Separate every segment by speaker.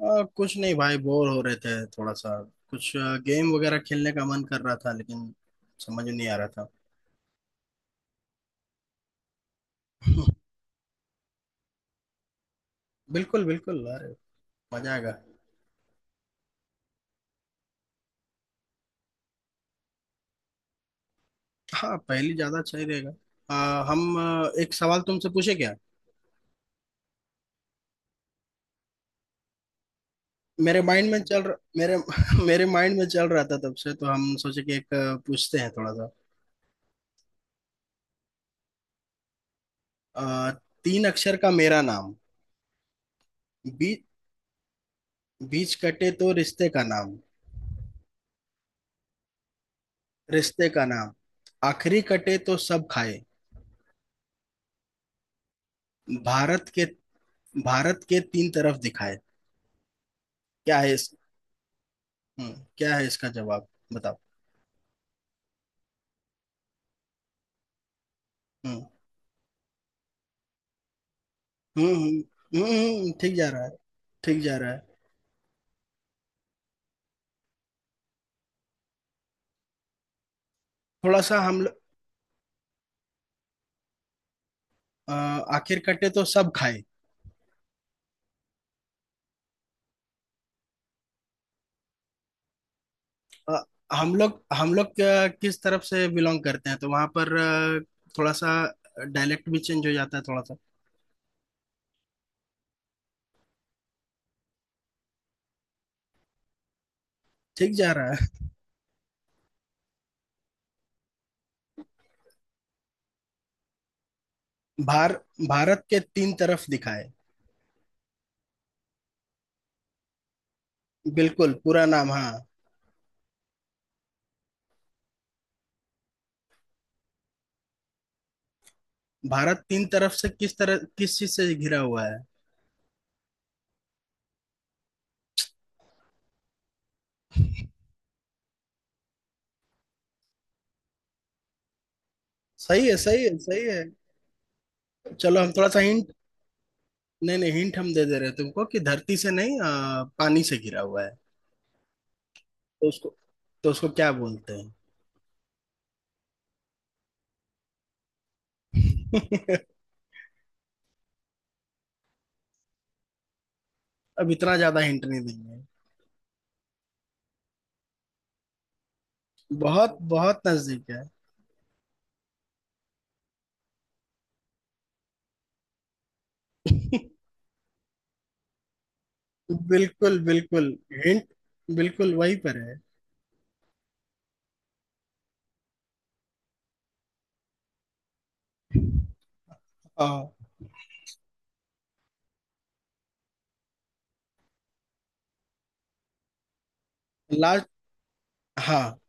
Speaker 1: कुछ नहीं भाई, बोर हो रहे थे थोड़ा सा। कुछ गेम वगैरह खेलने का मन कर रहा था लेकिन समझ नहीं आ रहा था। बिल्कुल बिल्कुल, अरे मजा आएगा। हाँ, पहली ज्यादा सही रहेगा। हम एक सवाल तुमसे पूछे क्या? मेरे माइंड में चल रहा, मेरे... मेरे माइंड में चल रहा था तब से, तो हम सोचे कि एक पूछते हैं थोड़ा सा। आ, तीन अक्षर का मेरा नाम। बी, बीच कटे तो रिश्ते का नाम। रिश्ते का नाम। आखिरी कटे तो सब खाए। भारत के भारत के तीन तरफ दिखाए। क्या है इस क्या है इसका जवाब? बताओ। हम्म हम्म, ठीक जा रहा है। ठीक जा रहा है। थोड़ा सा, हम लोग... अ, आखिर कटे तो सब खाए। अ, हम लोग किस तरफ से बिलोंग करते हैं, तो वहां पर थोड़ा सा डायलेक्ट भी चेंज हो जाता है, थोड़ा सा। ठीक जा रहा है। भार भारत के तीन तरफ दिखाए। बिल्कुल, पूरा नाम, हाँ। भारत तीन तरफ से किस तरह, किस चीज से घिरा हुआ है? सही है, सही है, सही है। चलो, हम थोड़ा सा हिंट... नहीं नहीं, हिंट हम दे दे रहे हैं तुमको कि धरती से नहीं, पानी से घिरा हुआ है। तो उसको तो उसको क्या बोलते हैं? अब इतना ज्यादा हिंट नहीं देंगे। बहुत बहुत नजदीक है। बिल्कुल बिल्कुल। हिंट बिल्कुल वहीं पर है। हाँ, लास्ट, हाँ।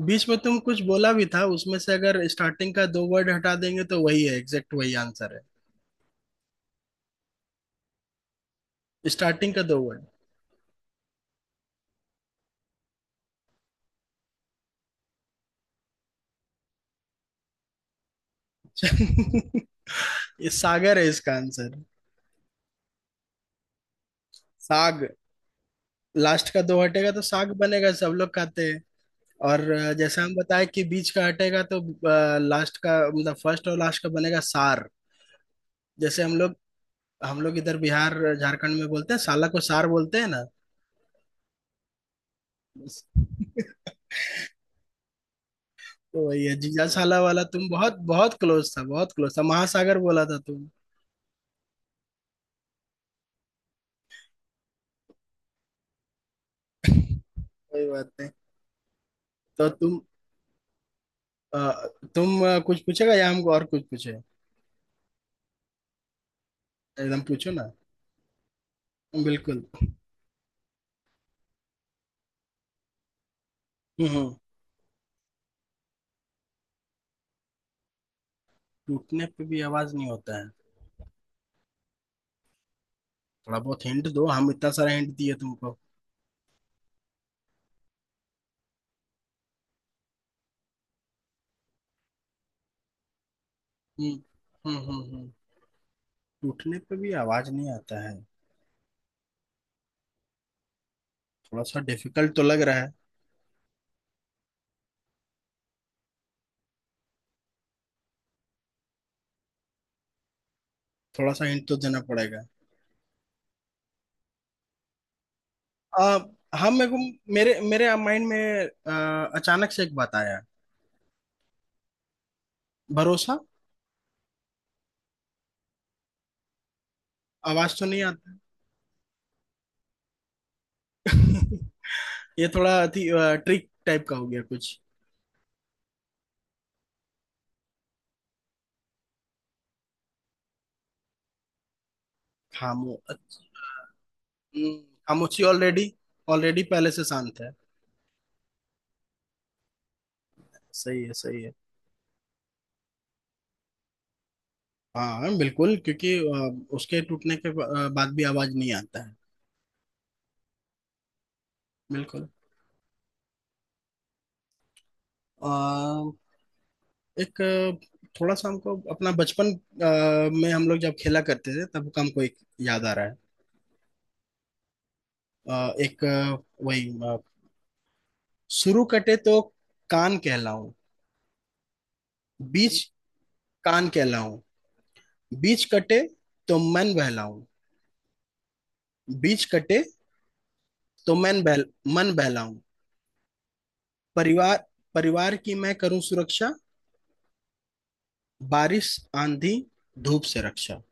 Speaker 1: बीच में तुम कुछ बोला भी था, उसमें से अगर स्टार्टिंग का दो वर्ड हटा देंगे तो वही है, एग्जैक्ट वही आंसर है। स्टार्टिंग का दो वर्ड। ये सागर है इसका आंसर। साग। लास्ट का दो हटेगा तो साग बनेगा, सब लोग खाते हैं। और जैसा हम बताए कि बीच का हटेगा तो, लास्ट का मतलब फर्स्ट और लास्ट का बनेगा सार। जैसे हम लोग इधर बिहार झारखंड में बोलते हैं, साला को सार बोलते हैं ना। तो वही है जीजा साला वाला। तुम बहुत बहुत क्लोज था, बहुत क्लोज था। महासागर बोला था तुम। कोई बात नहीं। तो अ, तुम कुछ पूछेगा या हमको और कुछ पूछे? एकदम पूछो ना। बिल्कुल। हम्म हम्म। टूटने पे भी आवाज नहीं होता है। थोड़ा बहुत हिंट दो, हम इतना सारा हिंट दिए तुमको। हम्म हम्म, हम्म, टूटने पे भी आवाज नहीं आता है। थोड़ा सा डिफिकल्ट तो लग रहा है। थोड़ा सा हिंट तो देना पड़ेगा। आ, हाँ, मेरे को, मेरे मेरे माइंड में अचानक से एक बात आया। भरोसा। आवाज तो नहीं आता है। ये थोड़ा ट्रिक टाइप का हो गया कुछ। खामो हम्म, खामोशी ऑलरेडी, ऑलरेडी पहले से शांत है। सही है, सही है। हाँ बिल्कुल, क्योंकि उसके टूटने के बाद भी आवाज नहीं आता है। बिल्कुल। एक थोड़ा सा हमको अपना बचपन में हम लोग जब खेला करते थे तब का हमको एक याद आ रहा है। एक वही, शुरू कटे तो कान कहलाऊं। बीच... कान कहलाऊं। बीच कटे तो मन बहलाऊं। बीच कटे तो मन बहलाऊं। परिवार परिवार की मैं करूं सुरक्षा। बारिश, आंधी, धूप से रक्षा।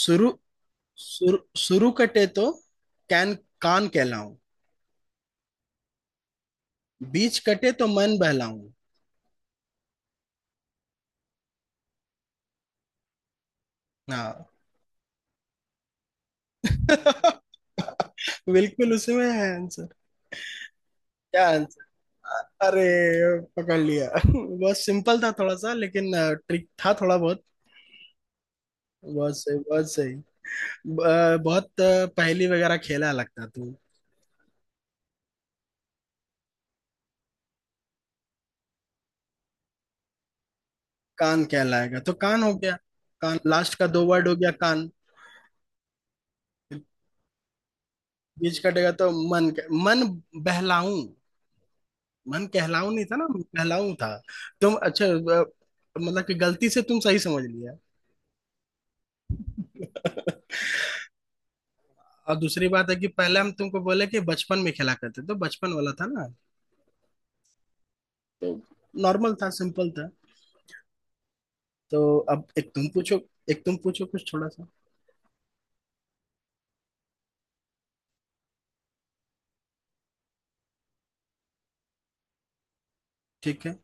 Speaker 1: शुरू शुरू शुरू कटे तो कैन कान कहलाऊं। बीच कटे तो मन बहलाऊं। हाँ। बिल्कुल उसमें है आंसर। क्या आंसर? अरे, पकड़ लिया। बहुत सिंपल था थोड़ा सा, लेकिन ट्रिक था थोड़ा बहुत। बहुत सही, बहुत सही। बहुत पहेली वगैरह खेला लगता तू। कान कहलाएगा तो कान हो गया। कान, लास्ट का दो वर्ड हो गया कान। बीच कटेगा तो मन बहलाऊं। मन कहलाऊं नहीं था ना, बहलाऊं था। तुम अच्छा, मतलब कि गलती से तुम सही समझ लिया। और दूसरी बात है कि पहले हम तुमको बोले कि बचपन में खेला करते, तो बचपन वाला था ना। तो नॉर्मल था, सिंपल था। तो अब एक तुम पूछो। एक तुम पूछो कुछ थोड़ा सा। ठीक है।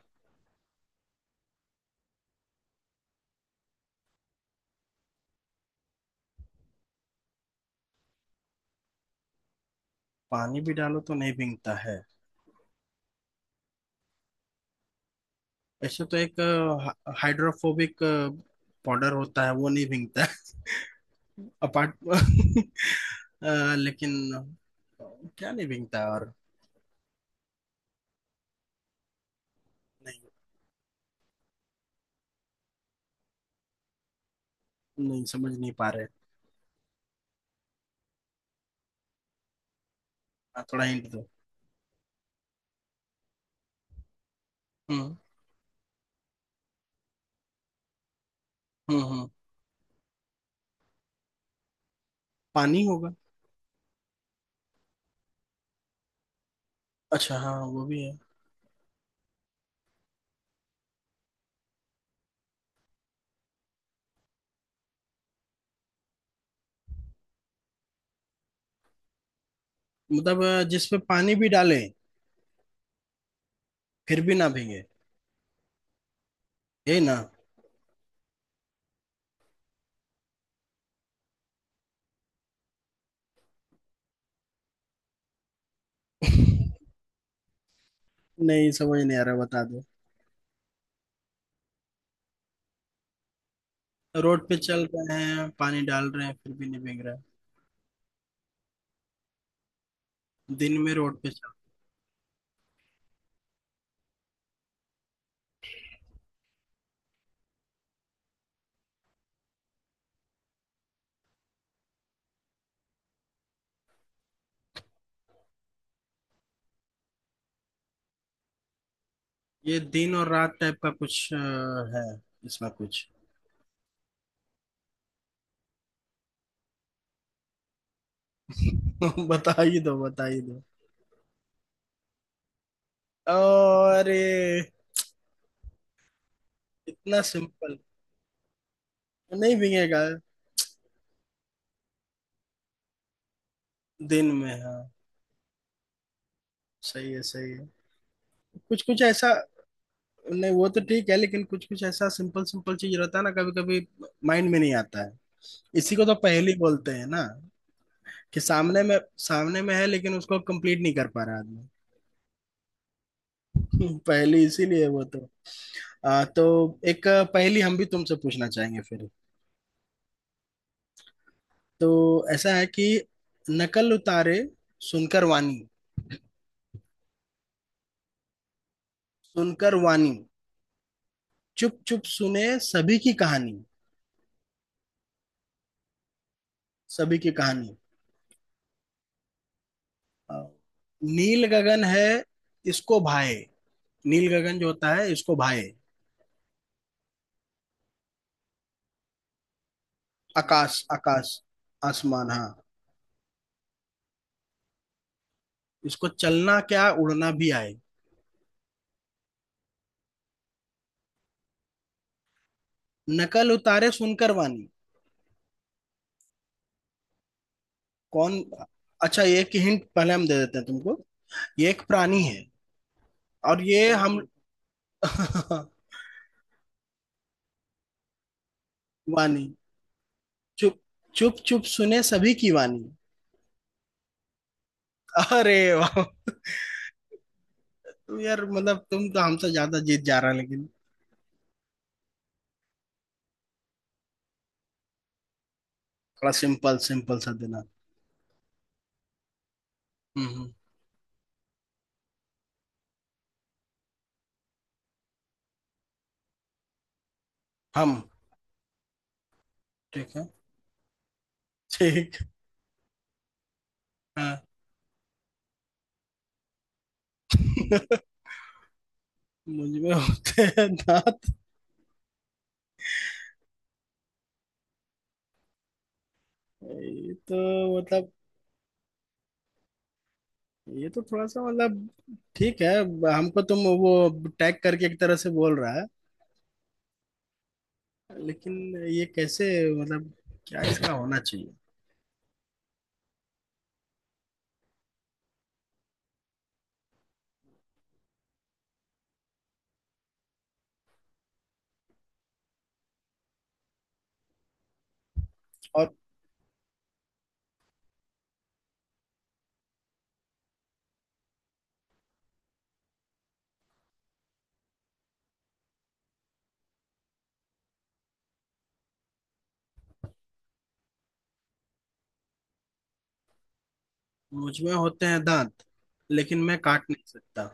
Speaker 1: पानी भी डालो तो नहीं भींगता है? ऐसे तो एक हाइड्रोफोबिक पाउडर होता है, वो नहीं भींगता है। अपार्ट लेकिन क्या नहीं भींगता है और? नहीं, नहीं समझ नहीं पा रहे। हाँ, थोड़ा हिंट दो। हम्म हम्म। पानी होगा? अच्छा हाँ, वो भी है। मतलब जिसपे पानी भी डाले फिर भी ना भीगे, यही ना? नहीं समझ नहीं आ रहा, बता दो। रोड पे चल रहे हैं, पानी डाल रहे हैं, फिर भी नहीं भीग रहा है? दिन में रोड पे चल... ये दिन और रात टाइप का कुछ है इसमें कुछ? बता ही दो, बता ही दो। और ये? इतना सिंपल? नहीं भीगेगा। दिन में, हाँ। सही है, सही है। कुछ कुछ ऐसा। नहीं, वो तो ठीक है लेकिन कुछ कुछ ऐसा सिंपल सिंपल चीज रहता है ना कभी कभी, माइंड में नहीं आता है। इसी को तो पहेली बोलते हैं ना, कि सामने में, सामने में है लेकिन उसको कंप्लीट नहीं कर पा रहा आदमी। पहेली इसीलिए है वो तो। तो एक पहेली हम भी तुमसे पूछना चाहेंगे फिर। तो ऐसा है कि, नकल उतारे सुनकर वाणी, सुनकर वाणी, चुप चुप सुने सभी की कहानी, सभी की कहानी। आ, नील गगन है, इसको भाए। नील गगन जो होता है, इसको भाए। आकाश, आकाश, आसमान, हाँ। इसको चलना क्या, उड़ना भी आए। नकल उतारे सुनकर वाणी। कौन? अच्छा, ये एक हिंट पहले हम दे देते हैं तुमको। ये एक प्राणी है। और ये हम... वाणी, चुप चुप चुप सुने सभी की वाणी। अरे वाह। तुम यार, मतलब तुम तो हमसे ज्यादा जीत जा रहा है लेकिन... थोड़ा सिंपल सिंपल सा देना। हम्म हम्म, हम... ठीक है। ठीक। हाँ। मुझ में होते हैं दांत। ये तो मतलब... ये तो थोड़ा सा मतलब... ठीक है। हमको तुम वो टैग करके एक तरह से बोल रहा है। लेकिन ये कैसे, मतलब क्या इसका होना चाहिए? और मुझ में होते हैं दांत, लेकिन मैं काट नहीं सकता।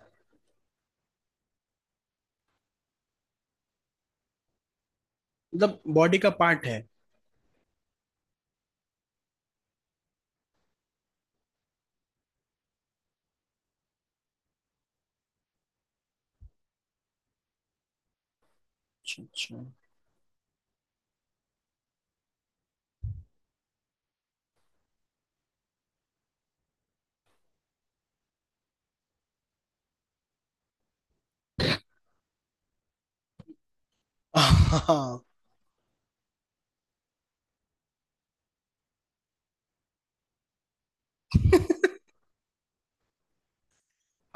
Speaker 1: मतलब बॉडी का पार्ट है? अच्छा, अच्छा। हाँ।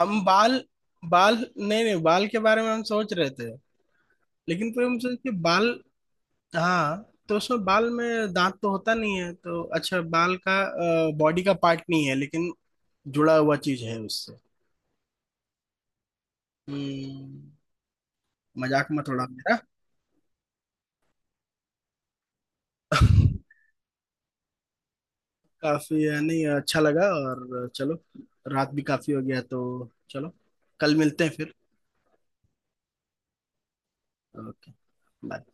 Speaker 1: हम बाल, बाल... नहीं नहीं, बाल के बारे में हम सोच रहे थे, लेकिन फिर हम सोचे कि बाल... हाँ, तो उसमें बाल में दांत तो होता नहीं है, तो अच्छा, बाल का बॉडी का पार्ट नहीं है लेकिन जुड़ा हुआ चीज है उससे। हम्म। मजाक मत उड़ा मेरा। काफी है, नहीं अच्छा लगा, और चलो। रात भी काफी हो गया, तो चलो, कल मिलते हैं फिर। ओके। बाय।